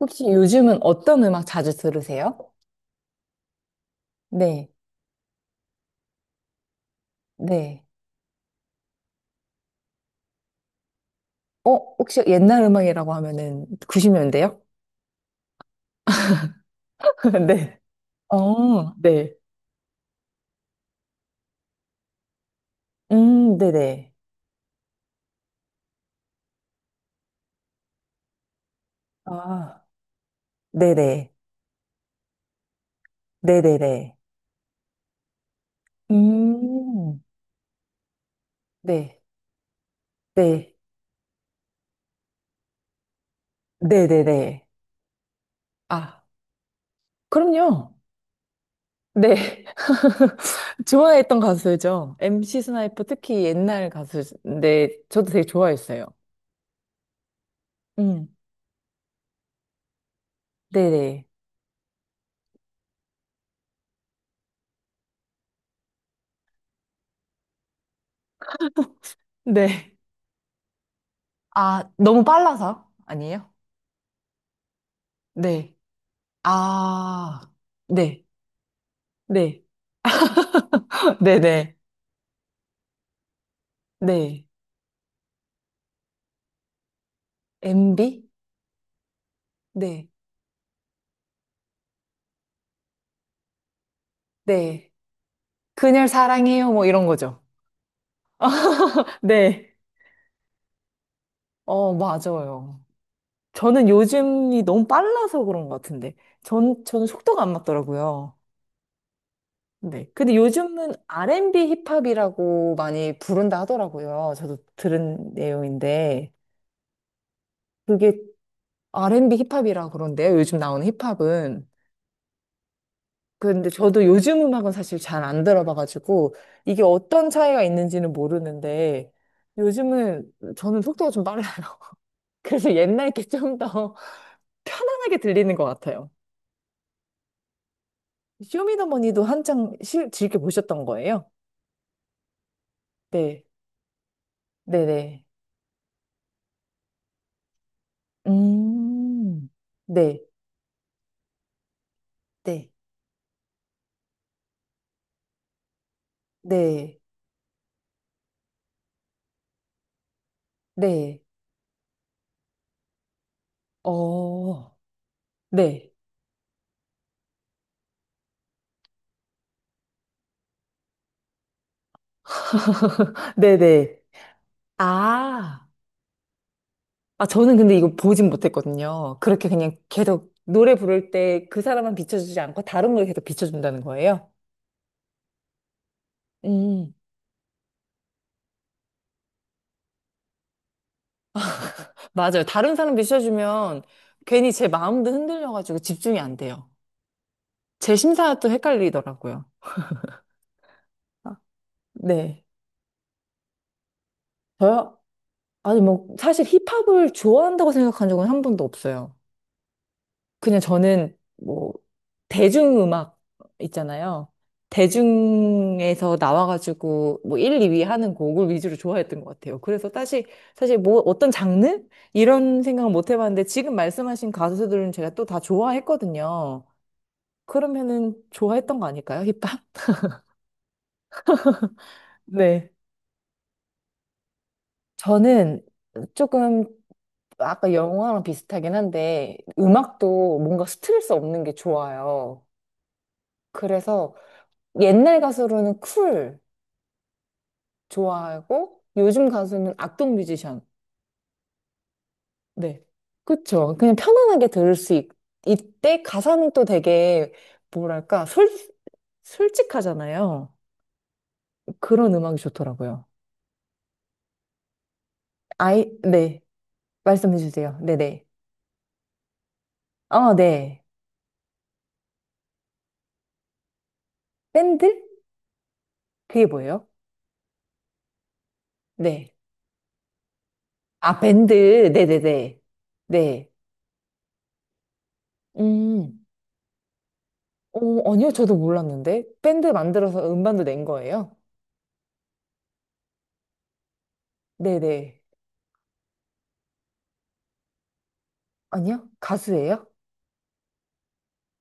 혹시 요즘은 어떤 음악 자주 들으세요? 네, 네. 어, 혹시 옛날 음악이라고 하면은 90년대요? 네. 어, 네. 네네. 아, 네네. 네네네. 음, 네, 네. 네네네. 아, 그럼요. 네. 좋아했던 가수죠. MC 스나이퍼 특히 옛날 가수인데 저도 되게 좋아했어요. 음, 네네. 네. 아, 너무 빨라서 아니에요? 네. 아, 네. 네. 네네. 네. MB? 네. 네. 그녀를 사랑해요. 뭐 이런 거죠. 네. 어, 맞아요. 저는 요즘이 너무 빨라서 그런 것 같은데. 저는 속도가 안 맞더라고요. 네. 근데 요즘은 R&B 힙합이라고 많이 부른다 하더라고요. 저도 들은 내용인데. 그게 R&B 힙합이라 그런데요. 요즘 나오는 힙합은. 근데 저도 요즘 음악은 사실 잘 안 들어봐가지고 이게 어떤 차이가 있는지는 모르는데 요즘은 저는 속도가 좀 빨라요. 그래서 옛날 게 좀 더 편안하게 들리는 것 같아요. 쇼미더머니도 한창 즐겨 보셨던 거예요? 네, 네네. 음, 네, 네, 네, 네, 어, 네, 네네. 아. 아, 저는 근데 이거 보진 못했거든요. 그렇게 그냥 계속 노래 부를 때 그 사람만 비춰주지 않고 다른 걸 계속 비춰준다는 거예요? 음, 맞아요. 다른 사람 비춰주면 괜히 제 마음도 흔들려가지고 집중이 안 돼요. 제 심사가 또 헷갈리더라고요. 아, 네. 저요? 아니, 뭐, 사실 힙합을 좋아한다고 생각한 적은 한 번도 없어요. 그냥 저는 뭐 대중음악 있잖아요. 대중에서 나와가지고 뭐 1, 2위 하는 곡을 위주로 좋아했던 것 같아요. 그래서 사실 뭐 어떤 장르 이런 생각은 못 해봤는데 지금 말씀하신 가수들은 제가 또 다 좋아했거든요. 그러면은 좋아했던 거 아닐까요? 힙합? 네. 저는 조금 아까 영화랑 비슷하긴 한데 음악도 뭔가 스트레스 없는 게 좋아요. 그래서 옛날 가수로는 쿨. 좋아하고 요즘 가수는 악동 뮤지션. 네. 그쵸. 그냥 편안하게 들을 수 있, 이때 가사는 또 되게 뭐랄까 솔직하잖아요. 그런 음악이 좋더라고요. 아이, 네. 말씀해 주세요. 네네. 어, 네. 밴드? 그게 뭐예요? 네. 아, 밴드. 네네네. 네. 음. 어, 아니요. 저도 몰랐는데. 밴드 만들어서 음반도 낸 거예요? 네네. 아니요? 가수예요?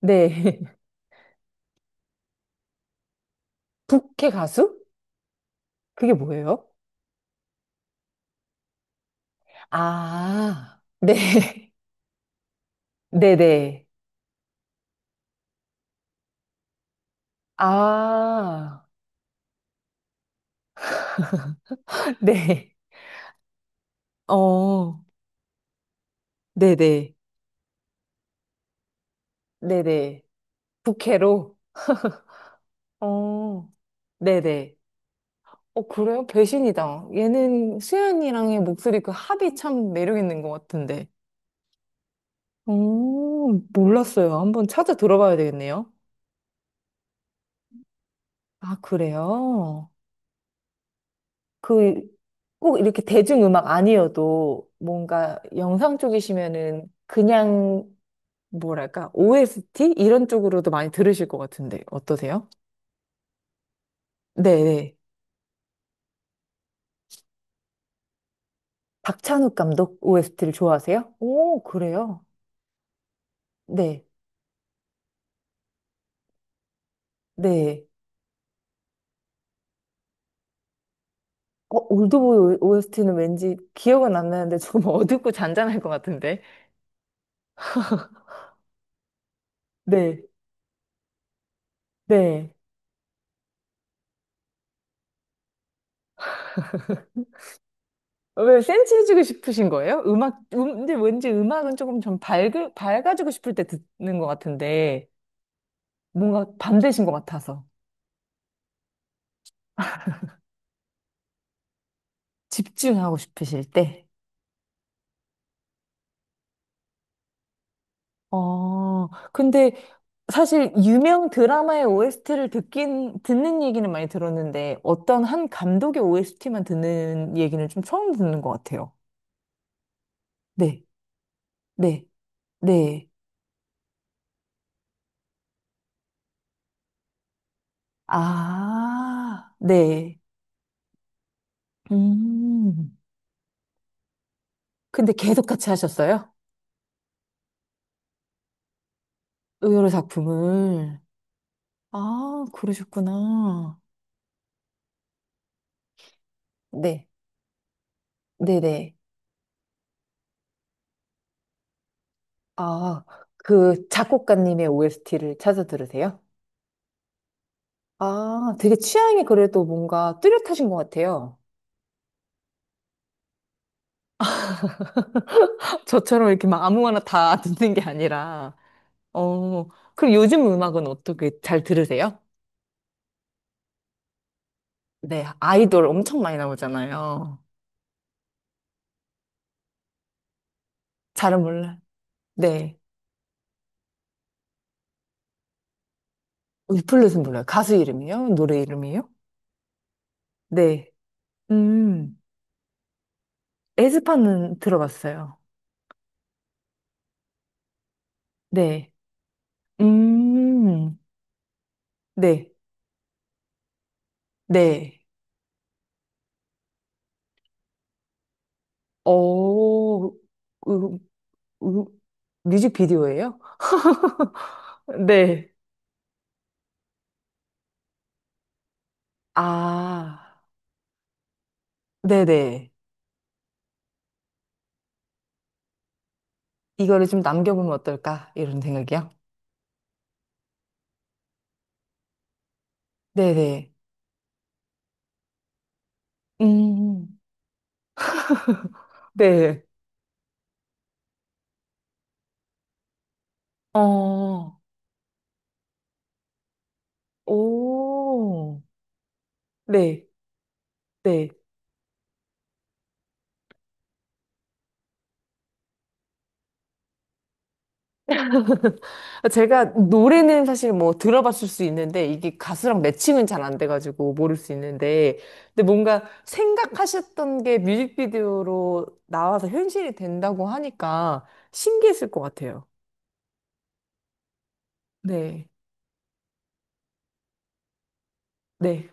네. 부캐 가수? 그게 뭐예요? 아, 네. 네네. 아, 네. 어, 네네. 네네. 부캐로? 어, 네네. 어, 그래요? 배신이다. 얘는 수연이랑의 목소리 그 합이 참 매력 있는 것 같은데. 음, 몰랐어요. 한번 찾아 들어봐야 되겠네요. 아, 그래요? 그 꼭 이렇게 대중음악 아니어도 뭔가 영상 쪽이시면은 그냥 뭐랄까 OST 이런 쪽으로도 많이 들으실 것 같은데 어떠세요? 네네. 박찬욱 감독 OST를 좋아하세요? 오, 그래요? 네, 네. 어, 올드보이 OST는 왠지 기억은 안 나는데 조금 어둡고 잔잔할 것 같은데. 네, 네. 왜 센치해지고 싶으신 거예요? 음악, 근데 왠지 음악은 조금 좀 밝아지고 싶을 때 듣는 것 같은데. 뭔가 밤 되신 것 같아서 집중하고 싶으실 때. 어, 근데 사실 유명 드라마의 OST를 듣는 얘기는 많이 들었는데 어떤 한 감독의 OST만 듣는 얘기는 좀 처음 듣는 것 같아요. 네, 네, 네. 아, 네. 음. 근데 계속 같이 하셨어요? 의러로 작품을. 아, 그러셨구나. 네, 네네. 아, 그 작곡가님의 OST를 찾아 들으세요? 아, 되게 취향이 그래도 뭔가 뚜렷하신 것 같아요. 저처럼 이렇게 막 아무거나 다 듣는 게 아니라, 어, 그럼 요즘 음악은 어떻게 잘 들으세요? 네, 아이돌 엄청 많이 나오잖아요. 잘은 몰라요. 네. 리플렛은 몰라요. 가수 이름이요? 노래 이름이요? 네. 음, 에스파는 들어봤어요. 네. 음, 네. 네. 어, 음, 뮤직비디오예요? 네. 아, 네네. 이거를 좀 남겨보면 어떨까? 이런 생각이요? 네네. 음, 네. 어, 오, 네, 네. 제가 노래는 사실 뭐 들어봤을 수 있는데, 이게 가수랑 매칭은 잘 안 돼가지고 모를 수 있는데, 근데 뭔가 생각하셨던 게 뮤직비디오로 나와서 현실이 된다고 하니까 신기했을 것 같아요. 네, 네.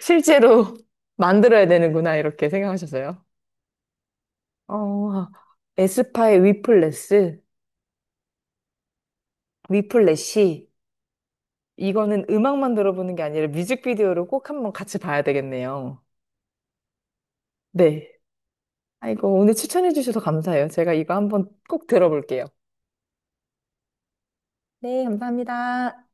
실제로 만들어야 되는구나, 이렇게 생각하셨어요. 어, 에스파의 위플레스, 위플래시. 이거는 음악만 들어보는 게 아니라 뮤직비디오를 꼭 한번 같이 봐야 되겠네요. 네. 아이고, 오늘 추천해 주셔서 감사해요. 제가 이거 한번 꼭 들어볼게요. 네, 감사합니다.